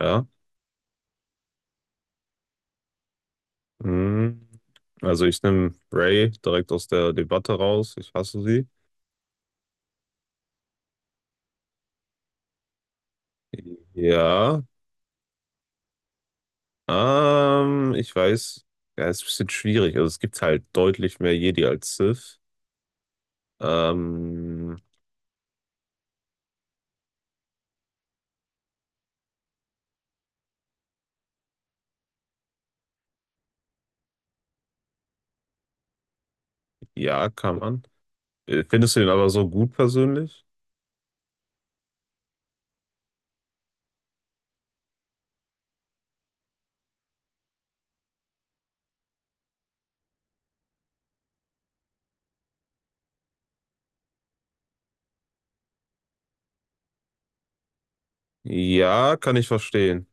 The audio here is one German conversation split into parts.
Ja. Hm. Also ich nehme Ray direkt aus der Debatte raus. Ich hasse sie. Ja. Ich weiß, ja, ist ein bisschen schwierig. Also es gibt halt deutlich mehr Jedi als Sith. Ähm, ja, kann man. Findest du ihn aber so gut persönlich? Ja, kann ich verstehen.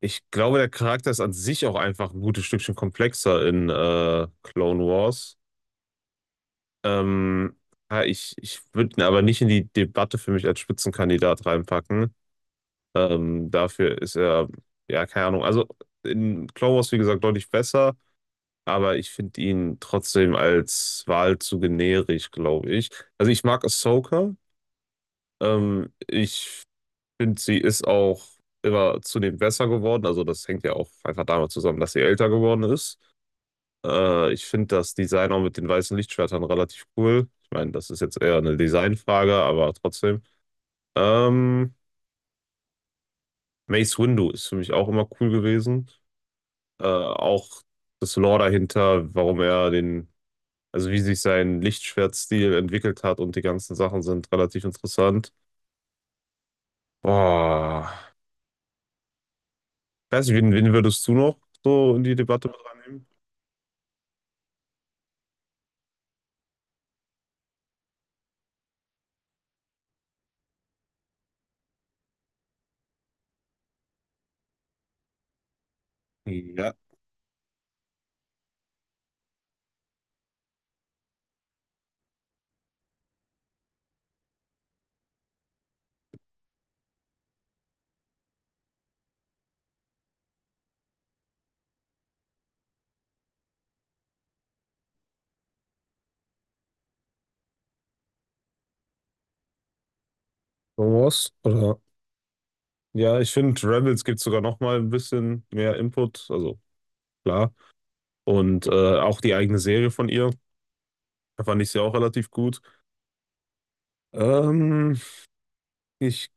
Ich glaube, der Charakter ist an sich auch einfach ein gutes Stückchen komplexer in Clone Wars. Ähm, ja, ich würde ihn aber nicht in die Debatte für mich als Spitzenkandidat reinpacken. Dafür ist er, ja, keine Ahnung. Also in Clone Wars, wie gesagt, deutlich besser, aber ich finde ihn trotzdem als Wahl zu generisch, glaube ich. Also ich mag Ahsoka. Ich finde, sie ist auch immer zunehmend besser geworden. Also das hängt ja auch einfach damit zusammen, dass sie älter geworden ist. Ich finde das Design auch mit den weißen Lichtschwertern relativ cool. Ich meine, das ist jetzt eher eine Designfrage, aber trotzdem. Ähm, Mace Windu ist für mich auch immer cool gewesen. Auch das Lore dahinter, warum er den, also wie sich sein Lichtschwertstil entwickelt hat und die ganzen Sachen sind relativ interessant. Boah. Ich weiß nicht, wen würdest du noch so in die Debatte mit reinnehmen? Ja. Star Wars? Oder? Ja, ich finde, Rebels gibt sogar noch mal ein bisschen mehr Input. Also klar. Und auch die eigene Serie von ihr, da fand ich sie auch relativ gut. Ähm, ich,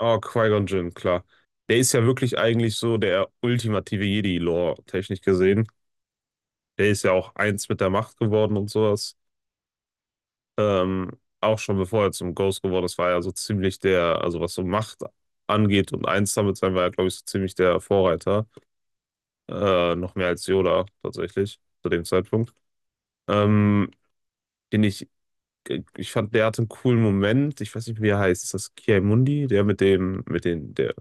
oh, Qui-Gon Jinn, klar. Der ist ja wirklich eigentlich so der ultimative Jedi-Lore, technisch gesehen. Der ist ja auch eins mit der Macht geworden und sowas. Ähm, Auch schon bevor er zum Ghost geworden ist, war er so ziemlich der, also was so Macht angeht und eins damit sein, war er, glaube ich, so ziemlich der Vorreiter. Noch mehr als Yoda tatsächlich zu dem Zeitpunkt. Ähm, den ich Ich fand, der hatte einen coolen Moment. Ich weiß nicht, wie er heißt. Ist das Kiai-Mundi? Der mit den, der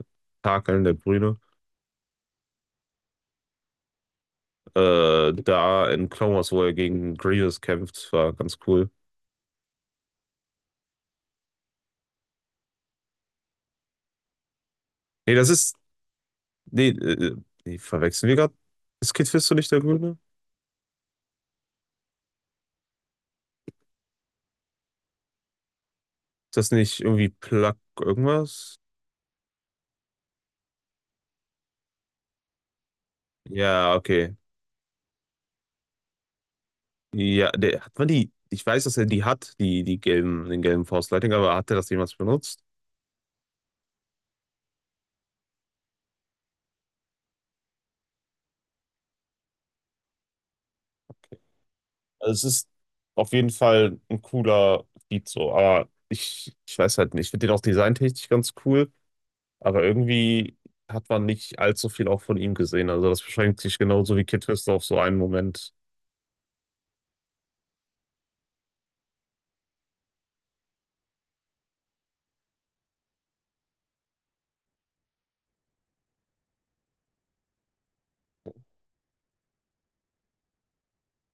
Takeln, der Brüne. Da in Clone Wars, wo er gegen Grievous kämpft, war ganz cool. Nee, das ist. Nee, nee verwechseln wir gerade. Ist Kid Fisto nicht der Grüne? Ist das nicht irgendwie Plug irgendwas? Ja, okay. Ja, der, hat man die. Ich weiß, dass er die hat, die gelben, den gelben Force Lightning, aber hat er das jemals benutzt? Okay. Also es ist auf jeden Fall ein cooler Beat so, aber ich weiß halt nicht. Ich finde den auch designtechnisch ganz cool, aber irgendwie hat man nicht allzu viel auch von ihm gesehen. Also das beschränkt sich genauso wie Kid Twister auf so einen Moment.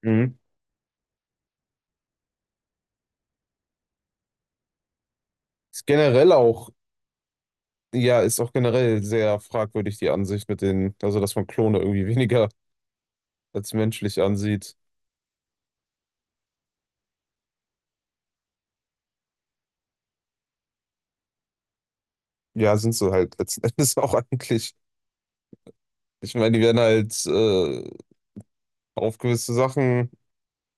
Mhm. Ist generell auch, ja, ist auch generell sehr fragwürdig die Ansicht mit den, also dass man Klone irgendwie weniger als menschlich ansieht. Ja, sind sie halt letzten Endes auch eigentlich. Ich meine, die werden halt auf gewisse Sachen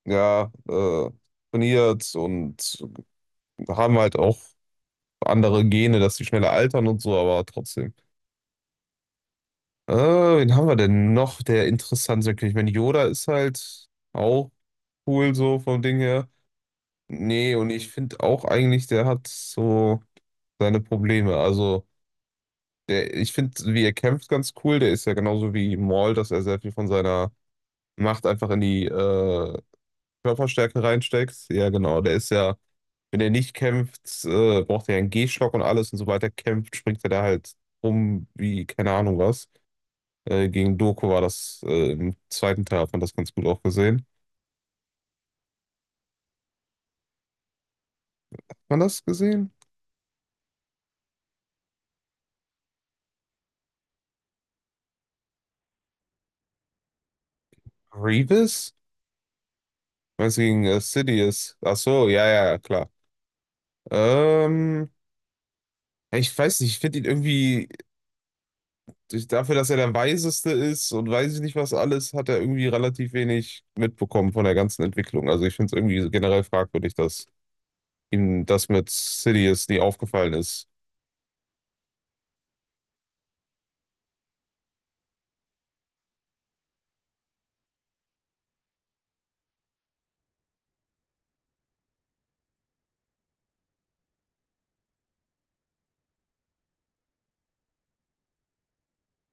ja, äh, trainiert und haben halt auch andere Gene, dass sie schneller altern und so, aber trotzdem. Wen haben wir denn noch, der interessant sein könnte? Ich meine, Yoda ist halt auch cool so vom Ding her. Nee, und ich finde auch eigentlich, der hat so seine Probleme. Also, der, ich finde, wie er kämpft, ganz cool. Der ist ja genauso wie Maul, dass er sehr viel von seiner Macht einfach in die Körperstärke reinsteckt. Ja, genau, der ist ja. Wenn er nicht kämpft, braucht er ja einen Gehstock und alles und so weiter. Kämpft, springt er da halt rum wie keine Ahnung was. Gegen Doku war das im zweiten Teil, hat man das ganz gut auch gesehen. Hat man das gesehen? Grievous? Meinst du gegen Sidious? Ach so, ja, ja, ja, klar. Ähm, ja, ich weiß nicht, ich finde ihn irgendwie, durch- dafür, dass er der Weiseste ist und weiß ich nicht was alles, hat er irgendwie relativ wenig mitbekommen von der ganzen Entwicklung. Also ich finde es irgendwie generell fragwürdig, dass ihm das mit Sidious nie aufgefallen ist.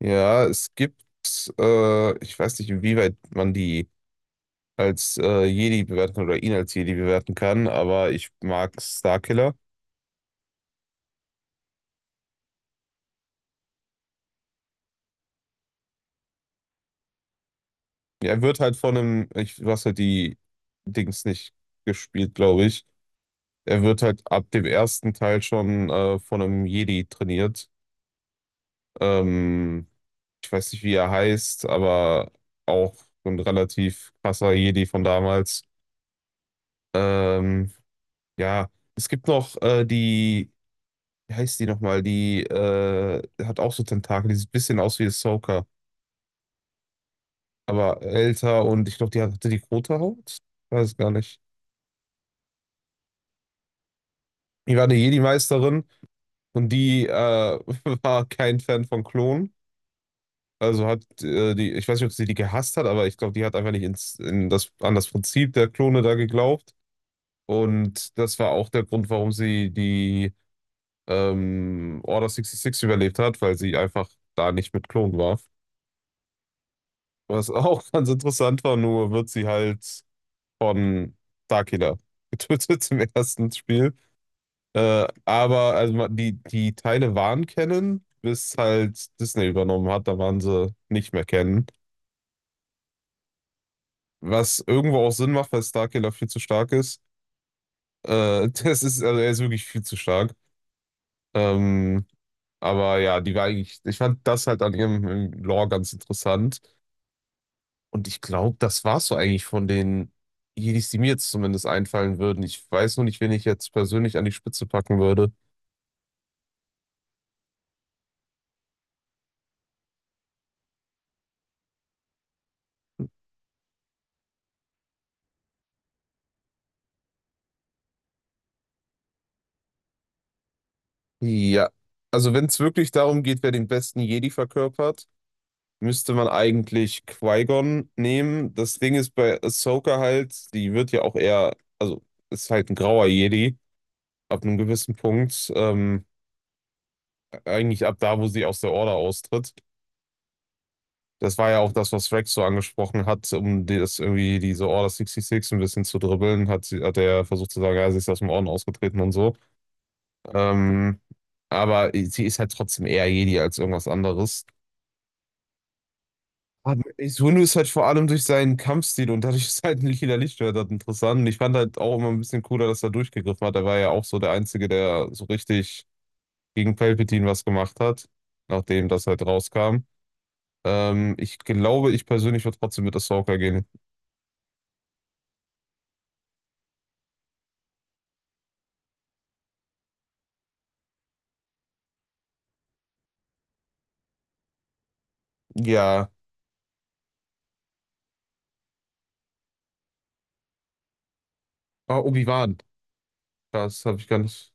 Ja, es gibt, ich weiß nicht, inwieweit man die als Jedi bewerten kann oder ihn als Jedi bewerten kann, aber ich mag Starkiller. Ja, er wird halt von einem, du hast halt die Dings nicht gespielt, glaube ich. Er wird halt ab dem ersten Teil schon von einem Jedi trainiert. Ähm, Ich weiß nicht, wie er heißt, aber auch so ein relativ krasser Jedi von damals. Ähm, ja, es gibt noch die. Wie heißt die nochmal? Die hat auch so Tentakel, die sieht ein bisschen aus wie Ahsoka, aber älter und ich glaube, die hatte die rote Haut? Weiß gar nicht. Die war eine Jedi-Meisterin und die war kein Fan von Klonen. Also hat die, ich weiß nicht, ob sie die gehasst hat, aber ich glaube, die hat einfach nicht an das Prinzip der Klone da geglaubt. Und das war auch der Grund, warum sie die Order 66 überlebt hat, weil sie einfach da nicht mit Klonen war. Was auch ganz interessant war, nur wird sie halt von Darkiller getötet im ersten Spiel. Aber also ma- die Teile waren Canon, bis halt Disney übernommen hat, da waren sie nicht mehr Canon. Was irgendwo auch Sinn macht, weil Starkiller viel zu stark ist. Das ist, also er ist wirklich viel zu stark. Ähm, aber ja, die war eigentlich, ich fand das halt an ihrem Lore ganz interessant. Und ich glaube, das war's so eigentlich von den Jedis, die mir jetzt zumindest einfallen würden. Ich weiß nur nicht, wen ich jetzt persönlich an die Spitze packen würde. Ja, also wenn es wirklich darum geht, wer den besten Jedi verkörpert, müsste man eigentlich Qui-Gon nehmen. Das Ding ist bei Ahsoka halt, die wird ja auch eher, also ist halt ein grauer Jedi ab einem gewissen Punkt, eigentlich ab da, wo sie aus der Order austritt. Das war ja auch das, was Rex so angesprochen hat, um die- das irgendwie diese Order 66 ein bisschen zu dribbeln, hat, sie- hat er versucht zu sagen, ja, sie ist aus dem Orden ausgetreten und so. Ähm, aber sie ist halt trotzdem eher Jedi als irgendwas anderes. Aber Sunu ist halt vor allem durch seinen Kampfstil und dadurch ist halt ein lila Lichtschwert halt interessant. Und ich fand halt auch immer ein bisschen cooler, dass er durchgegriffen hat. Er war ja auch so der Einzige, der so richtig gegen Palpatine was gemacht hat, nachdem das halt rauskam. Ich glaube, ich persönlich würde trotzdem mit Ahsoka gehen. Ja, ah, Obi-Wan. Das habe ich gar nicht.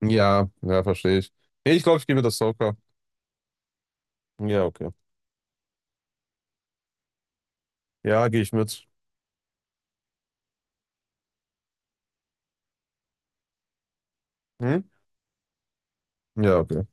Ja, ja, verstehe ich. Nee, ich glaube, ich gehe mit Ahsoka. Ja, okay. Ja, gehe ich mit. Hm? Ja, okay.